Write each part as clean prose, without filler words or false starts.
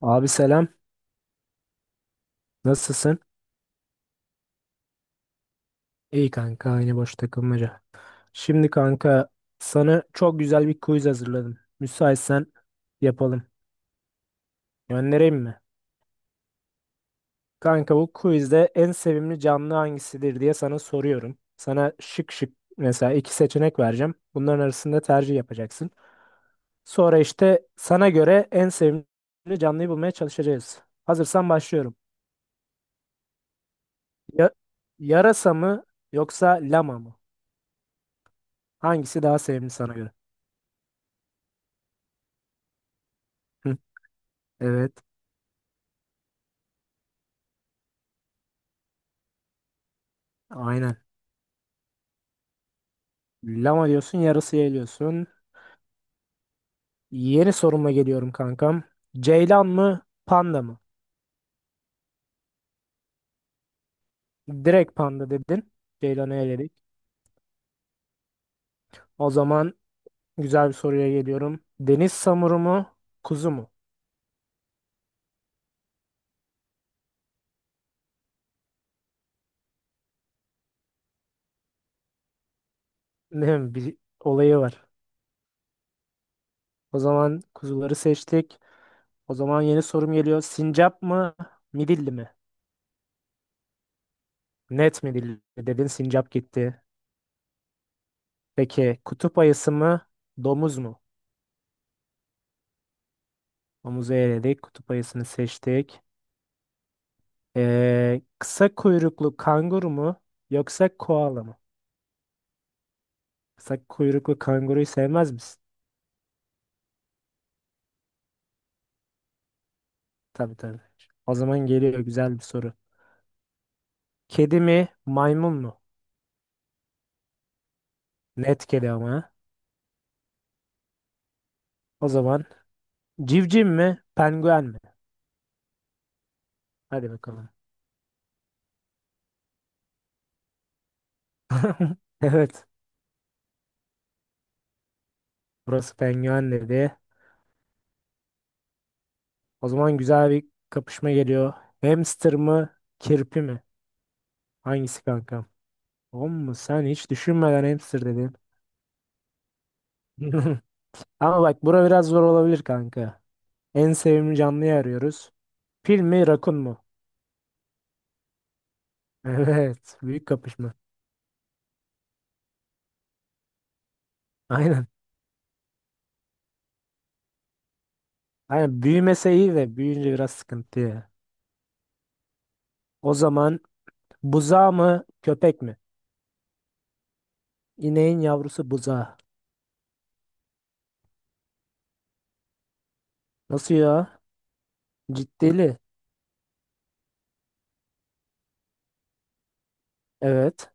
Abi selam. Nasılsın? İyi kanka, aynı boş takılmaca. Şimdi kanka, sana çok güzel bir quiz hazırladım. Müsaitsen yapalım. Göndereyim mi? Kanka, bu quizde en sevimli canlı hangisidir diye sana soruyorum. Sana şık şık mesela iki seçenek vereceğim. Bunların arasında tercih yapacaksın. Sonra işte sana göre en sevimli canlıyı bulmaya çalışacağız. Hazırsan başlıyorum. Ya- Yarasa mı yoksa lama mı? Hangisi daha sevimli sana göre? Hı, evet. Aynen. Lama diyorsun, yarısı geliyorsun. Yeni soruma geliyorum kankam. Ceylan mı, panda mı? Direkt panda dedin. Ceylan'ı eledik. O zaman güzel bir soruya geliyorum. Deniz samuru mu, kuzu mu? Ne bir olayı var. O zaman kuzuları seçtik. O zaman yeni sorum geliyor. Sincap mı, midilli mi? Net midilli dedin, sincap gitti. Peki kutup ayısı mı, domuz mu? Domuzu eledik. Kutup ayısını seçtik. Kısa kuyruklu kanguru mu yoksa koala mı? Kısa kuyruklu kanguruyu sevmez misin? Tabii tabii. O zaman geliyor güzel bir soru. Kedi mi, maymun mu? Net kedi ama. Ha. O zaman civciv mi, penguen mi? Hadi bakalım. Evet. Burası penguen dedi. O zaman güzel bir kapışma geliyor. Hamster mı, kirpi mi? Hangisi kankam? Oğlum, sen hiç düşünmeden hamster dedin. Ama bak, bura biraz zor olabilir kanka. En sevimli canlıyı arıyoruz. Fil mi, rakun mu? Evet, büyük kapışma. Aynen. Aynen, büyümese iyi de büyüyünce biraz sıkıntı ya. O zaman buzağı mı, köpek mi? İneğin yavrusu buzağı. Nasıl ya? Ciddili. Evet.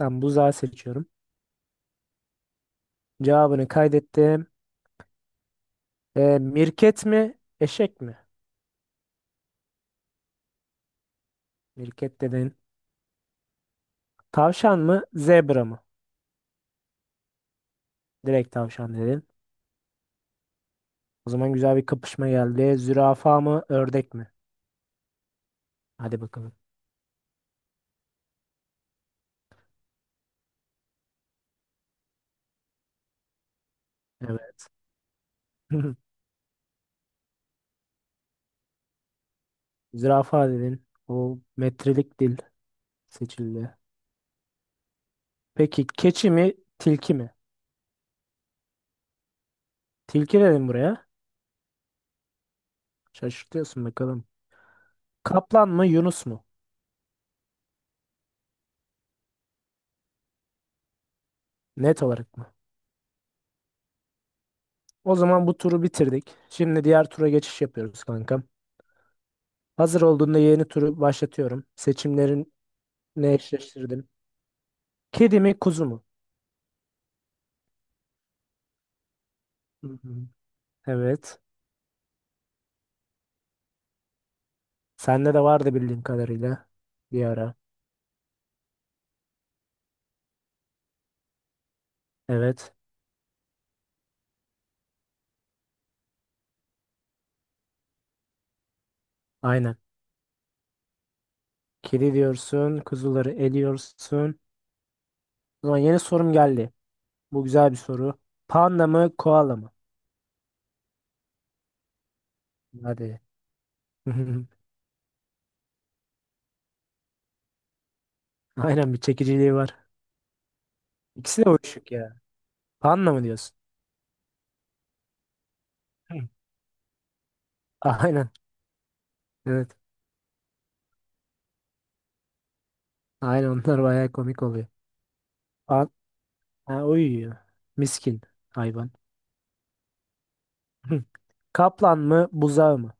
Ben buzağı seçiyorum. Cevabını kaydettim. Mirket mi, eşek mi? Mirket dedin. Tavşan mı, zebra mı? Direkt tavşan dedin. O zaman güzel bir kapışma geldi. Zürafa mı, ördek mi? Hadi bakalım. Evet. Zürafa dedin. O metrelik dil seçildi. Peki keçi mi, tilki mi? Tilki dedim buraya. Şaşırtıyorsun bakalım. Kaplan mı, Yunus mu? Net olarak mı? O zaman bu turu bitirdik. Şimdi diğer tura geçiş yapıyoruz kankam. Hazır olduğunda yeni turu başlatıyorum. Seçimlerini eşleştirdim. Kedi mi, kuzu mu? Hı hı. Evet. Sende de vardı bildiğim kadarıyla. Bir ara. Evet. Aynen. Kedi diyorsun. Kuzuları eliyorsun. O zaman yeni sorum geldi. Bu güzel bir soru. Panda mı, koala mı? Hadi. Aynen, bir çekiciliği var. İkisi de uyuşuk ya. Panda mı diyorsun? Hı. Aynen. Evet. Aynen, onlar bayağı komik oluyor. Pan ha, uyuyor. Miskin hayvan. Hı. Kaplan mı, buzağı mı?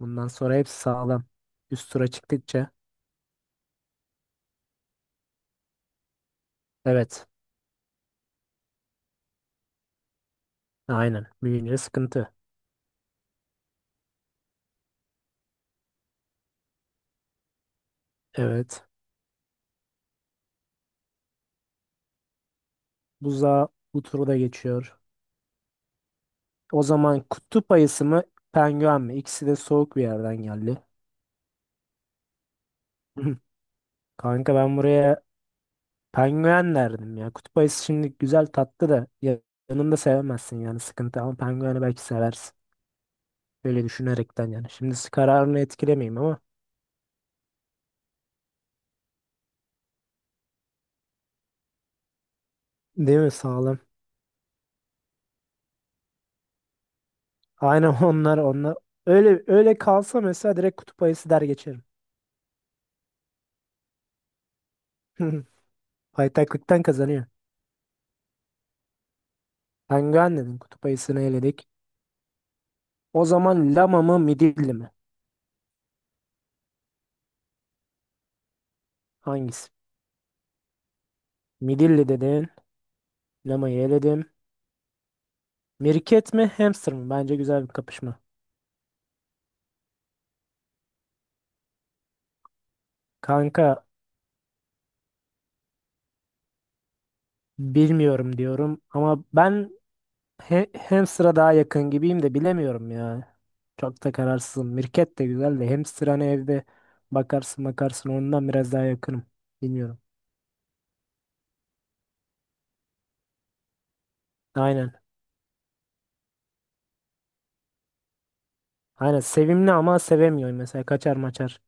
Bundan sonra hepsi sağlam. Üst tura çıktıkça. Evet. Aynen. Büyüyünce sıkıntı. Evet. Buzağı bu turu da geçiyor. O zaman kutup ayısı mı, penguen mi? İkisi de soğuk bir yerden geldi. Kanka ben buraya penguen derdim ya. Kutup ayısı şimdi güzel tatlı da yanında sevemezsin yani sıkıntı, ama pengueni belki seversin. Böyle düşünerekten yani. Şimdi kararını etkilemeyeyim ama değil mi sağlam. Aynen onlar, öyle öyle kalsa mesela direkt kutup ayısı der geçerim. Paytaklıktan kazanıyor. Penguen dedin, kutup ayısını eledik. O zaman lama mı, midilli mi? Hangisi? Midilli dedin. Lamayı eledim. Mirket mi, hamster mı? Bence güzel bir kapışma. Kanka, bilmiyorum diyorum ama ben hamster'a daha yakın gibiyim de bilemiyorum ya. Çok da kararsızım. Mirket de güzel de hamster hani evde bakarsın ondan biraz daha yakınım. Bilmiyorum. Aynen. Aynen sevimli ama sevemiyorum. Mesela kaçar maçar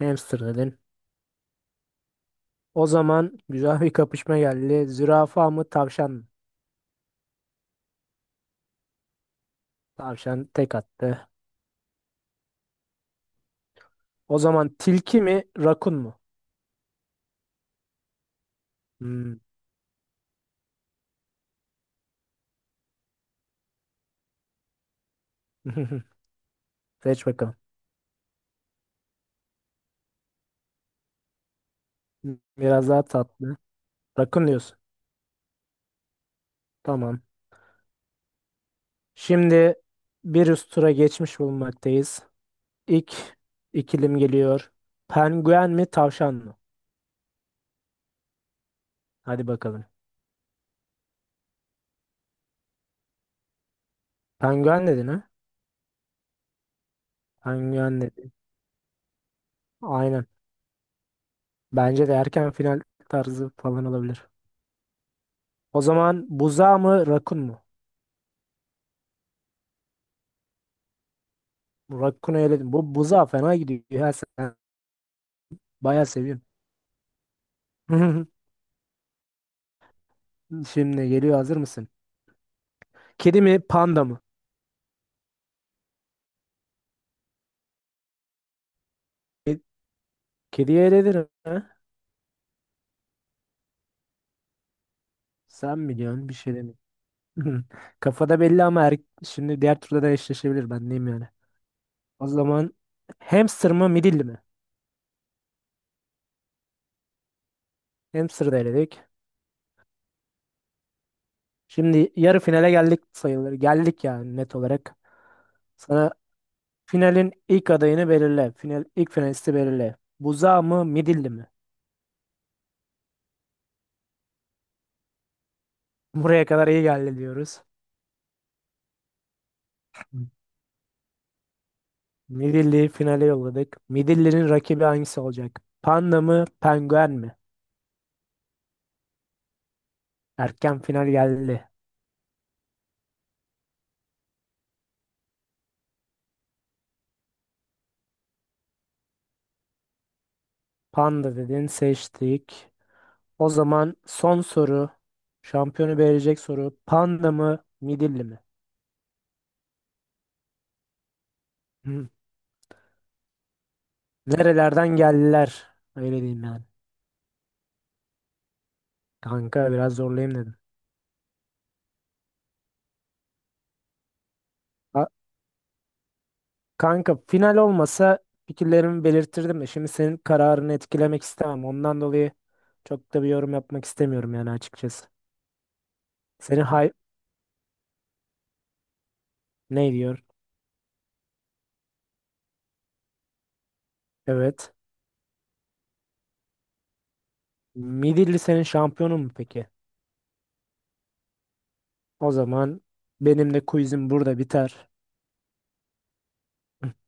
hamster dedin. O zaman güzel bir kapışma geldi. Zürafa mı, tavşan mı? Tavşan tek attı. O zaman tilki mi, rakun mu? Hmm. Seç bakalım. Biraz daha tatlı. Rakun diyorsun. Tamam. Şimdi bir üst tura geçmiş bulunmaktayız. İlk ikilim geliyor. Penguen mi, tavşan mı? Hadi bakalım. Penguen dedin ha? Penguen dedin. Aynen. Bence de erken final tarzı falan olabilir. O zaman buza mı, rakun mu? Rakun'u eledim. Bu buza fena gidiyor. Ya sen bayağı seviyorum. Şimdi geliyor, hazır mısın? Kedi mi, panda mı? Kediye eledim ha? Sen biliyorsun, bir şey demiyorum. Hı. Kafada belli ama şimdi diğer turda da eşleşebilir ben diyeyim yani. O zaman hamster mı, midilli mi? Hamster da eledik. Şimdi yarı finale geldik sayılır. Geldik yani net olarak. Sana finalin ilk adayını belirle. Final ilk finalisti belirle. Buza mı, midilli mi? Buraya kadar iyi geldi diyoruz. Midilli'yi finale yolladık. Midilli'nin rakibi hangisi olacak? Panda mı, penguen mi? Erken final geldi. Panda dedin, seçtik. O zaman son soru. Şampiyonu belirleyecek soru. Panda mı, Midilli mi? Hı. Nerelerden geldiler? Öyle diyeyim yani. Kanka, biraz zorlayayım dedim. A- Kanka, final olmasa fikirlerimi belirtirdim de şimdi senin kararını etkilemek istemem. Ondan dolayı çok da bir yorum yapmak istemiyorum yani açıkçası. Senin hay ne diyor? Evet. Midilli senin şampiyonun mu peki? O zaman benim de quizim burada biter.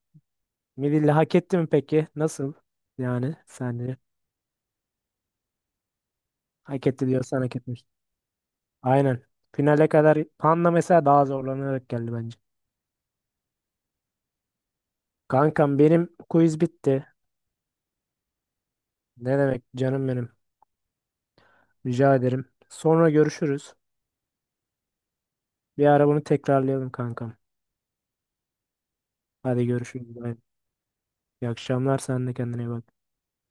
Midilli hak etti mi peki? Nasıl? Yani sence? Hak etti diyorsan hak etmiş. Aynen. Finale kadar Panda mesela daha zorlanarak geldi bence. Kankam, benim quiz bitti. Ne demek canım benim. Rica ederim. Sonra görüşürüz. Bir ara bunu tekrarlayalım kankam. Hadi görüşürüz. Bye. İyi akşamlar. Sen de kendine iyi bak.